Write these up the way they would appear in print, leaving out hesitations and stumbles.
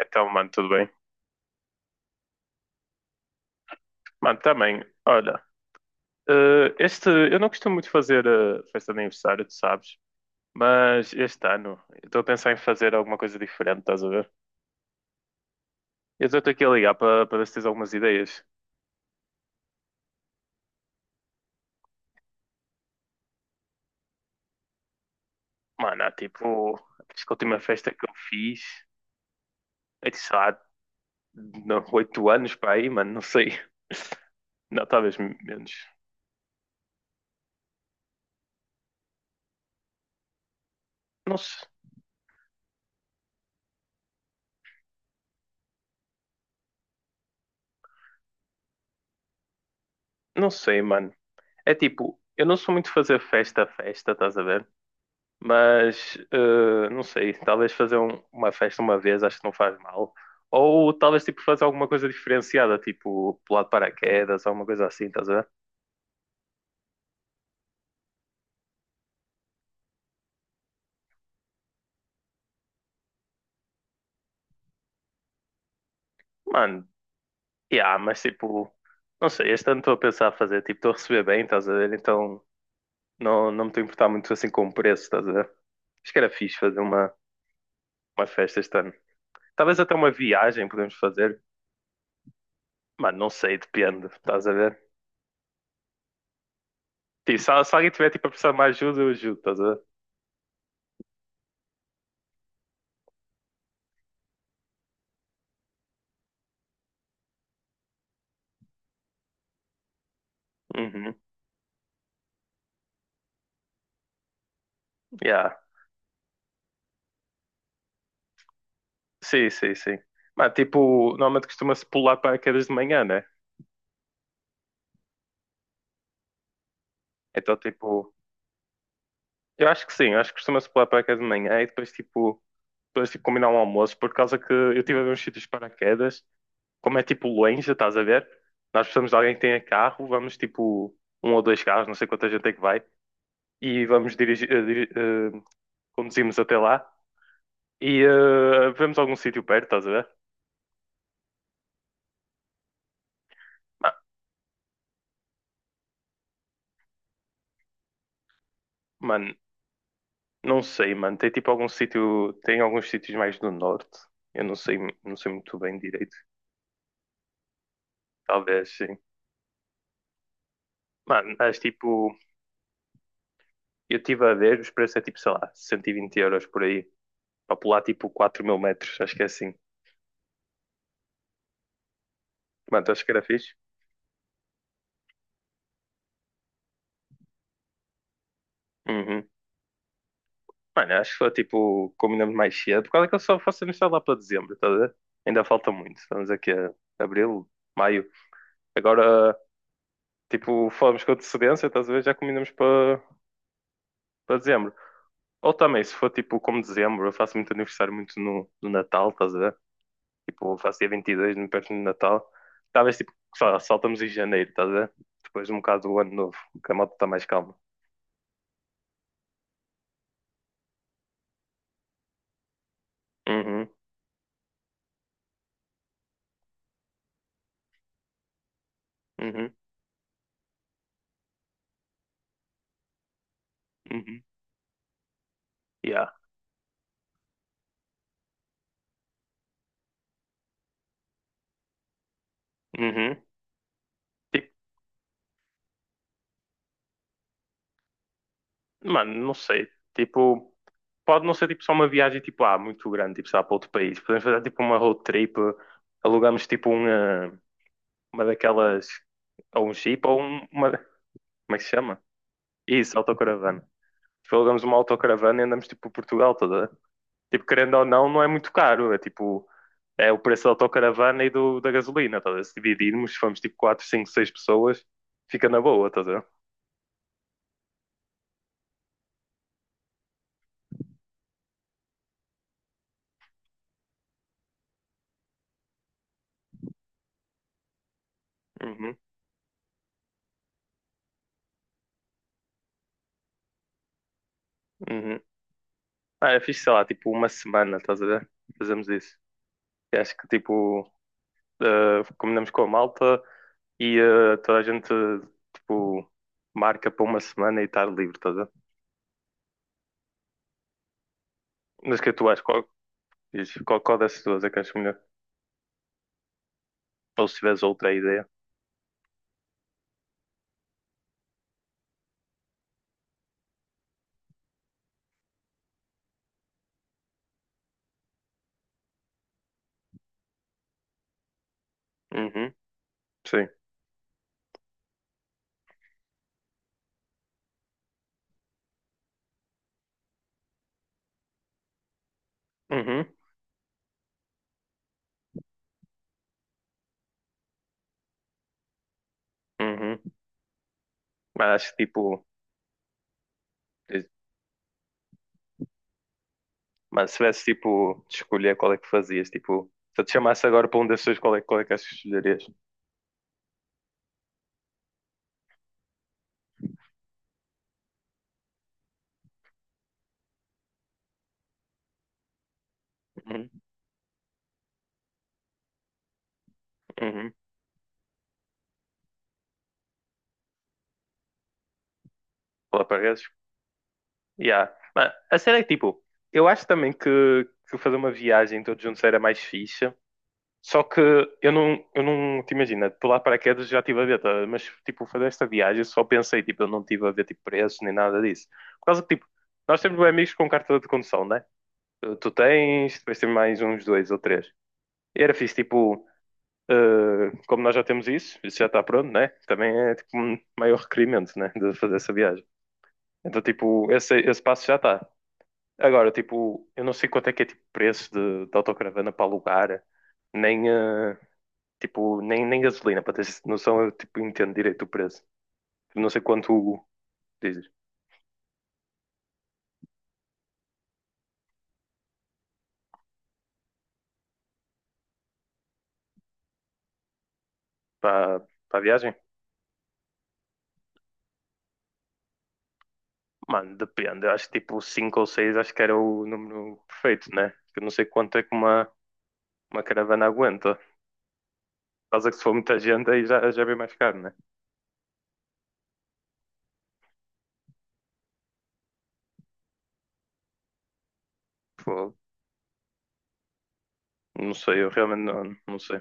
Então, mano, tudo bem? Mano, também, olha, este, eu não costumo muito fazer festa de aniversário, tu sabes, mas este ano eu estou a pensar em fazer alguma coisa diferente, estás a ver? Eu estou aqui a ligar para ver se tens algumas ideias. Mano, há tipo, acho que a última festa que eu fiz, é de, sei lá, não, 8 anos para aí, mano, não sei. Não, talvez menos. Não, se- não sei, mano. É tipo, eu não sou muito fazer festa a festa, estás a ver? Mas não sei, talvez fazer uma festa uma vez acho que não faz mal. Ou talvez tipo fazer alguma coisa diferenciada, tipo pular de paraquedas, alguma coisa assim, estás a ver? Mano, yeah, mas tipo, não sei, este ano estou a pensar a fazer, tipo, estou a receber bem, estás a ver? Então não me estou a importar muito assim com o preço, estás a ver? Acho que era fixe fazer uma festa este ano. Talvez até uma viagem podemos fazer. Mano, não sei, depende, estás a ver? Sim, só, se alguém tiver tipo a precisar de uma ajuda, eu ajudo, estás a ver? Uhum. Yeah. Sim, sim, sim. Mas tipo, normalmente costuma-se pular paraquedas de manhã, né? Então tipo, eu acho que sim, eu acho que costuma-se pular paraquedas de manhã e depois tipo combinar um almoço, por causa que eu tive a ver uns sítios de paraquedas, como é tipo longe, estás a ver? Nós precisamos de alguém que tenha carro, vamos tipo um ou dois carros, não sei quanta gente é que vai, e vamos dirigir, conduzimos até lá e vemos algum sítio perto, estás a ver? Ma- Mano, não sei, mano. Tem tipo algum sítio, tem alguns sítios mais do norte. Eu não sei, não sei muito bem direito. Talvez sim. Mano, mas tipo, eu estive a ver, os preços é tipo, sei lá, 120 euros por aí, para pular tipo 4000 metros, acho que é assim. Mano, tu achas que era fixe? Uhum. Mano, acho que foi tipo, combinamos mais cedo, por causa que eu só faço amizade lá para dezembro, estás a ver? Ainda falta muito, estamos aqui a abril, maio. Agora, tipo, falamos com antecedência, estás a ver? Já combinamos para dezembro. Ou também, se for tipo como dezembro, eu faço muito aniversário muito no Natal, estás a ver? Tipo, eu faço dia 22, muito perto do Natal. Talvez tipo, sei lá, saltamos em janeiro, estás a ver? Depois um bocado do ano novo, que a moto está mais calma. Uhum, uhum, uhum. Yeah. Uhum. Tipo, mano, não sei. Tipo, pode não ser tipo só uma viagem tipo, ah, muito grande, tipo, sei lá, para outro país. Podemos fazer tipo uma road trip, alugamos tipo uma daquelas, ou um Jeep, ou uma, como é que se chama? Isso, autocaravana. Tipo, alugamos uma autocaravana e andamos tipo por Portugal toda. Tipo, querendo ou não, não é muito caro. É tipo, é o preço da autocaravana e da gasolina, tá? A ver? Se dividirmos, se formos tipo 4, 5, 6 pessoas, fica na boa, estás a ver? Uhum, uhum. Ah, eu fiz, sei lá, tipo uma semana, estás a ver? Fazemos isso. E acho que tipo, combinamos com a malta e toda a gente tipo marca para uma semana e estar livre, tá? Mas o que é que tu achas? Qual, diz, qual dessas duas é que achas melhor? Ou se tiveres outra ideia? Uhum, sim. Uhum, uhum. Mas acho que tipo, diz- mano, se tivesse tipo de escolher qual é que fazias, tipo, se eu te chamasse agora para um desses, dois, qual é que achas que escolherias? Uhum, uhum. Lá para redes? Yeah. Mano, a cena é que tipo, eu acho também que fazer uma viagem todos juntos era mais fixe. Só que eu não te imagina, pular de paraquedas já estive a ver, tá? Mas tipo, fazer esta viagem só pensei, tipo, eu não estive a ver tipo, preços nem nada disso. Por causa que, tipo, nós temos bem amigos com carta de condução, né? Tu tens, depois tem mais uns dois ou três. E era fixe, tipo, como nós já temos isso, isso já está pronto, né? Também é tipo um maior requerimento, né? De fazer essa viagem. Então, tipo, esse passo já está. Agora, tipo, eu não sei quanto é que é tipo preço de autocaravana para alugar, nem, eh, tipo, nem gasolina, para teres noção, eu tipo, entendo direito o preço. Não sei quanto o dizes. Para, para a viagem? Mano, depende. Eu acho que tipo cinco ou seis acho que era o número perfeito, né? Eu não sei quanto é que uma caravana aguenta. Caso que se for muita gente aí já, já é bem mais caro, né? Pô, não sei, eu realmente não sei.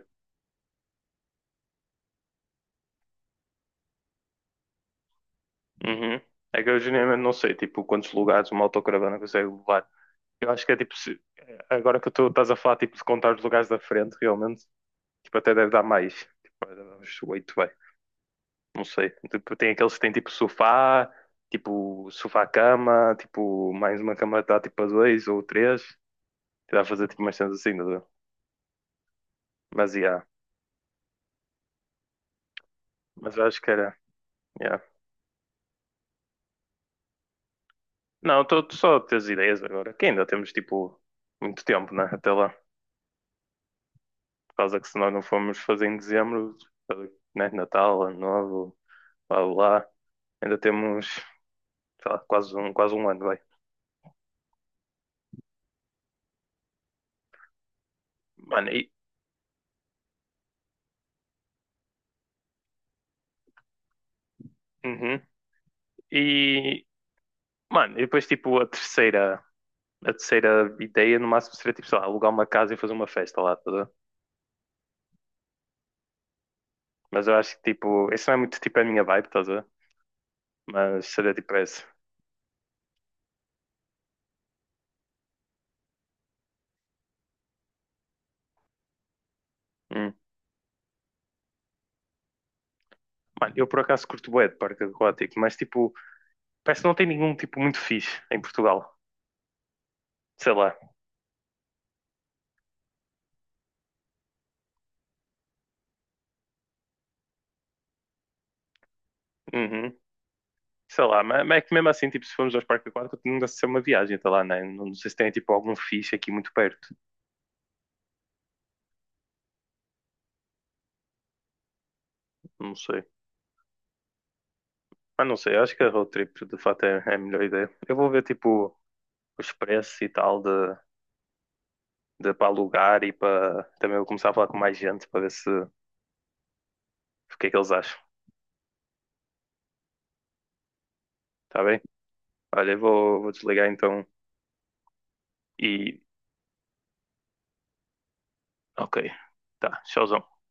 Uhum. É que eu genuinamente não sei, tipo, quantos lugares uma autocaravana consegue levar. Eu acho que é tipo, agora que tu estás a falar tipo, de contar os lugares da frente, realmente, tipo, até deve dar mais. Tipo, deve dar uns oito, vai. Não sei. Tipo, tem aqueles que têm tipo sofá, tipo sofá-cama, tipo mais uma cama dá tipo a dois ou três. Que dá a fazer tipo umas cenas assim, não dá? Mas yeah. Mas acho que era. Yeah. Não, estou só a ter as ideias agora, que ainda temos tipo muito tempo, né? Até lá. Por causa que se nós não formos fazer em dezembro, né? Natal, Ano Novo, lá, lá, ainda temos. Sei lá, quase um ano, vai. Mano, e, uhum. E, mano, e depois, tipo, a terceira ideia, no máximo, seria, tipo, sei lá, alugar uma casa e fazer uma festa lá, estás a ver? Mas eu acho que, tipo, isso não é muito, tipo, a minha vibe, estás a ver? Mas seria, tipo, essa. Hum. Mano, eu por acaso curto bué de parque aquático, mas, tipo, parece que não tem nenhum, tipo, muito fixe em Portugal. Sei lá. Uhum. Mas é que mesmo assim, tipo, se formos aos parques aquáticos, não deve ser uma viagem, tá lá, né? Não sei se tem, tipo, algum fixe aqui muito perto. Não sei. Mas não sei, acho que a road trip de fato é a melhor ideia. Eu vou ver tipo os preços e tal de para alugar e para também vou começar a falar com mais gente para ver se o que é que eles acham. Tá bem? Olha, vou desligar então e ok. Tá, tchauzão.